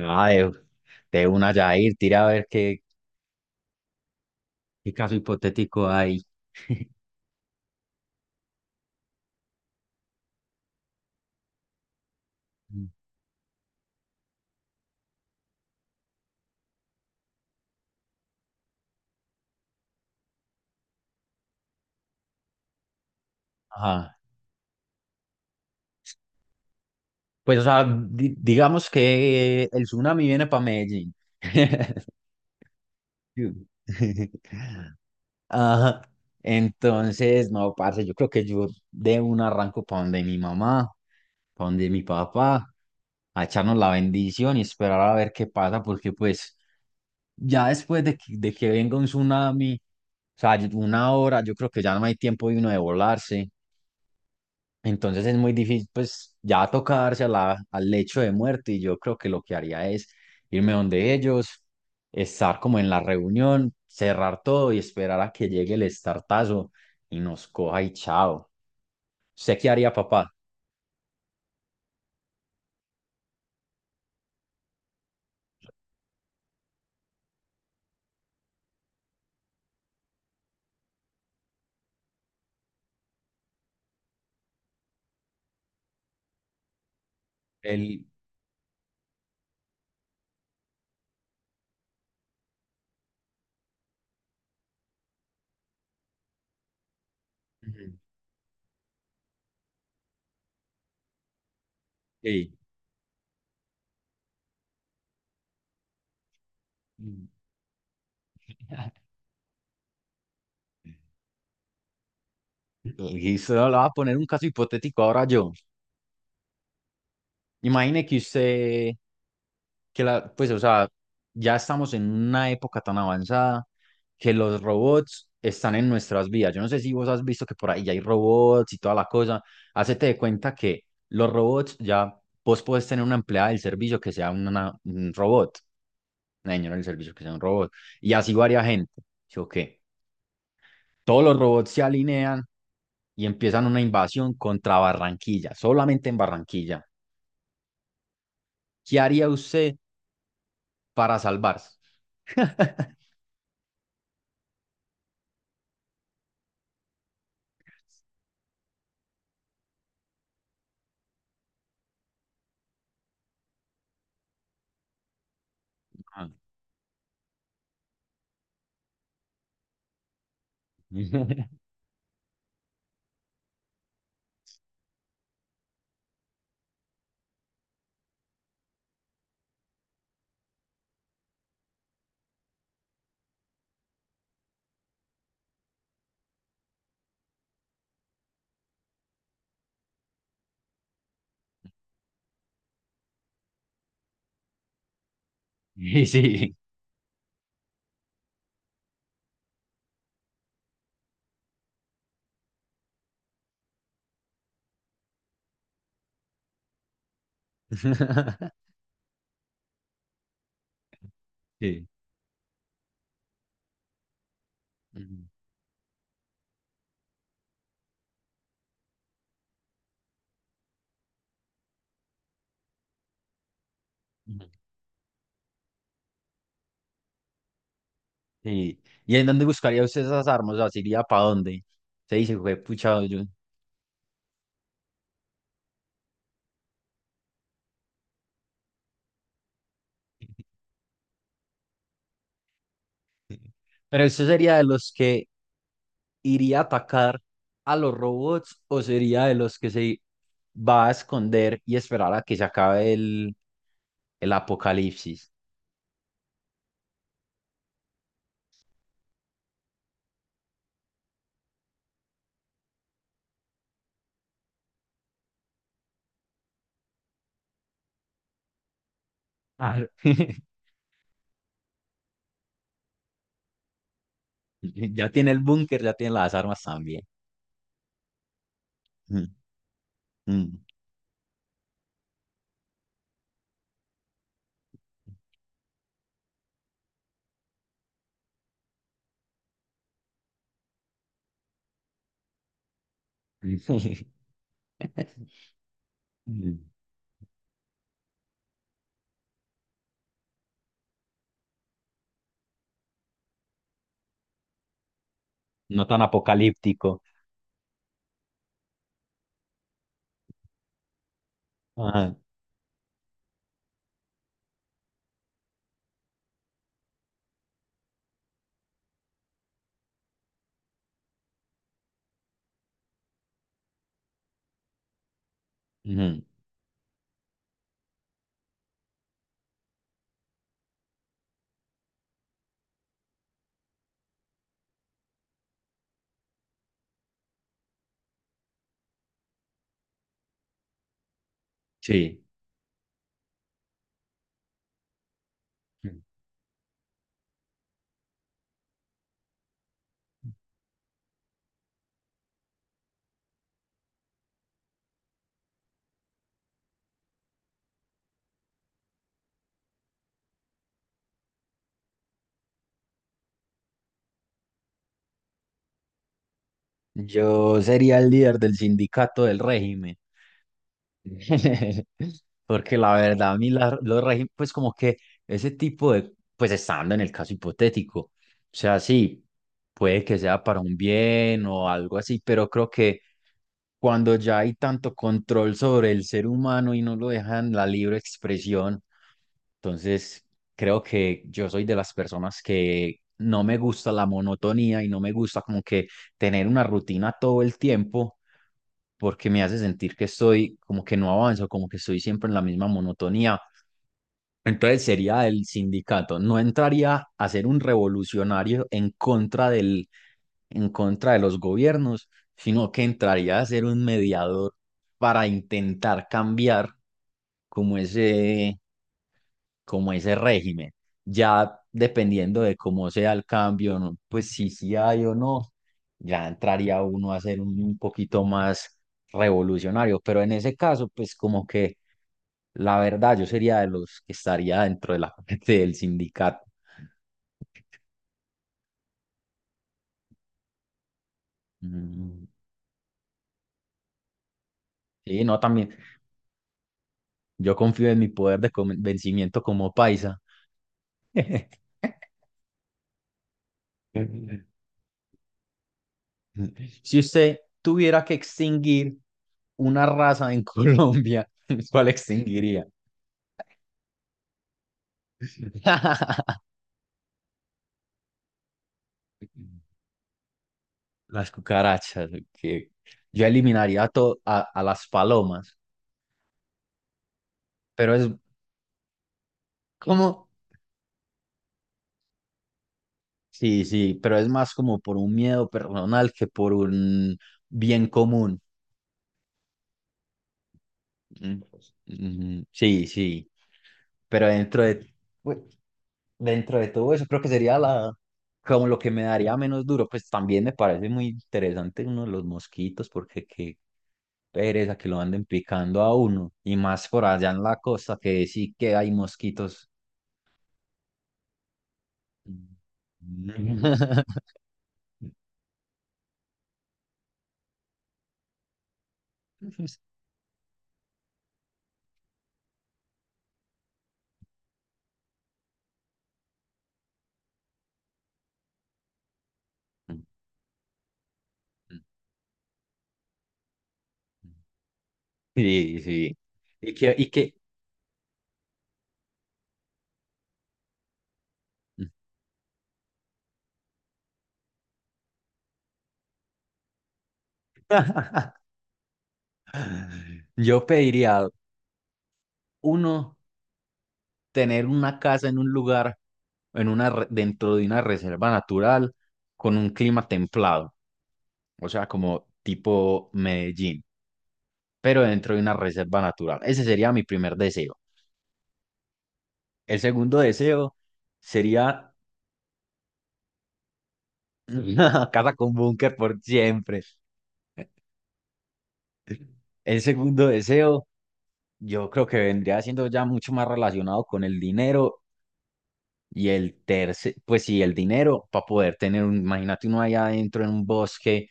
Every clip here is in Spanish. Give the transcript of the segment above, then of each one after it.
Ah, de una ya ir tira a ver qué, qué caso hipotético hay. Ajá. Pues, o sea, digamos que el tsunami viene para Medellín. Ajá. Entonces no, parce, yo creo que yo de un arranco para donde mi mamá, para donde mi papá, a echarnos la bendición y esperar a ver qué pasa, porque pues ya después de que venga un tsunami, o sea, una hora, yo creo que ya no hay tiempo de uno de volarse. Entonces es muy difícil, pues ya tocarse a la, al lecho de muerte. Y yo creo que lo que haría es irme donde ellos, estar como en la reunión, cerrar todo y esperar a que llegue el estartazo y nos coja y chao. ¿Usted qué haría, papá? El. Ujú. Sí. Y se le voy a poner un caso hipotético ahora yo. Imagine que usted que la, pues, o sea, ya estamos en una época tan avanzada que los robots están en nuestras vidas. Yo no sé si vos has visto que por ahí ya hay robots y toda la cosa. Hacete de cuenta que los robots ya, vos podés tener una empleada del servicio que sea un robot, una señora del servicio que sea un robot, y así varia gente. Yo, que todos los robots se alinean y empiezan una invasión contra Barranquilla, solamente en Barranquilla. ¿Qué haría usted para salvarse? Ah. Y sí. Sí. Ujú. Ujú. Sí. ¿Y en dónde buscaría usted esas armas? O sea, ¿se iría para dónde? Se dice, fue puchado yo. Pero usted sería de los que iría a atacar a los robots, o sería de los que se va a esconder y esperar a que se acabe el apocalipsis. Ah. Ya tiene el búnker, ya tiene las armas también. Mm, mm. No tan apocalíptico. Ajá. Ujú. Sí. Yo sería el líder del sindicato del régimen. Porque la verdad, a mí los regímenes, pues como que ese tipo de, pues estando en el caso hipotético, o sea, sí, puede que sea para un bien o algo así, pero creo que cuando ya hay tanto control sobre el ser humano y no lo dejan la libre expresión, entonces creo que yo soy de las personas que no me gusta la monotonía y no me gusta como que tener una rutina todo el tiempo, porque me hace sentir que estoy como que no avanzo, como que estoy siempre en la misma monotonía. Entonces sería el sindicato. No entraría a ser un revolucionario en contra del, en contra de los gobiernos, sino que entraría a ser un mediador para intentar cambiar como ese como ese régimen. Ya dependiendo de cómo sea el cambio, ¿no? Pues si sí hay o no, ya entraría uno a ser un poquito más revolucionario. Pero en ese caso, pues como que la verdad yo sería de los que estaría dentro de la parte del sindicato. Mm. Sí, no, también yo confío en mi poder de convencimiento como paisa. Si usted tuviera que extinguir una raza en Colombia, ¿cuál extinguiría? Las cucarachas, que yo eliminaría a, a las palomas, pero es como, sí, sí, pero es más como por un miedo personal que por un bien común. Mm, mm. Sí, sí, pero dentro de, dentro de todo eso, creo que sería la, como lo que me daría menos duro. Pues también me parece muy interesante uno de los mosquitos, porque qué pereza que lo anden picando a uno. Y más por allá en la costa, que sí que hay mosquitos. Sí, sí. Y que yo pediría, uno, tener una casa en un lugar, en una, dentro de una reserva natural, con un clima templado. O sea, como tipo Medellín, pero dentro de una reserva natural. Ese sería mi primer deseo. El segundo deseo sería una casa con búnker por siempre. El segundo deseo, yo creo que vendría siendo ya mucho más relacionado con el dinero, y el tercer, pues sí, el dinero para poder tener un, imagínate uno allá adentro en un bosque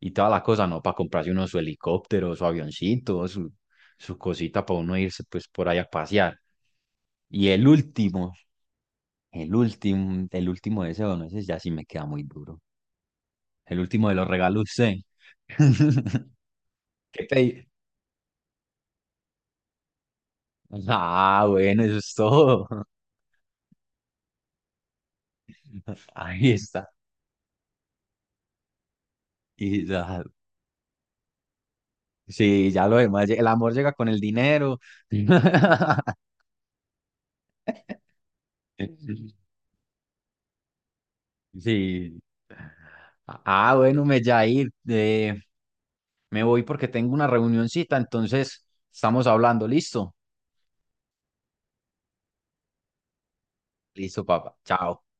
y toda la cosa, ¿no? Para comprarse uno su helicóptero, su avioncito, su cosita para uno irse pues por ahí a pasear. Y el último. El último, el último deseo, no, ese ya sí me queda muy duro. El último de los regalos, sí. ¿Qué pedí? Ah, bueno, eso es todo. Ahí está. Y ya, sí, ya lo demás, el amor llega con el dinero. Sí. Ah, bueno, me Jair, me voy porque tengo una reunioncita, entonces estamos hablando, ¿listo? Listo, papá. Chao.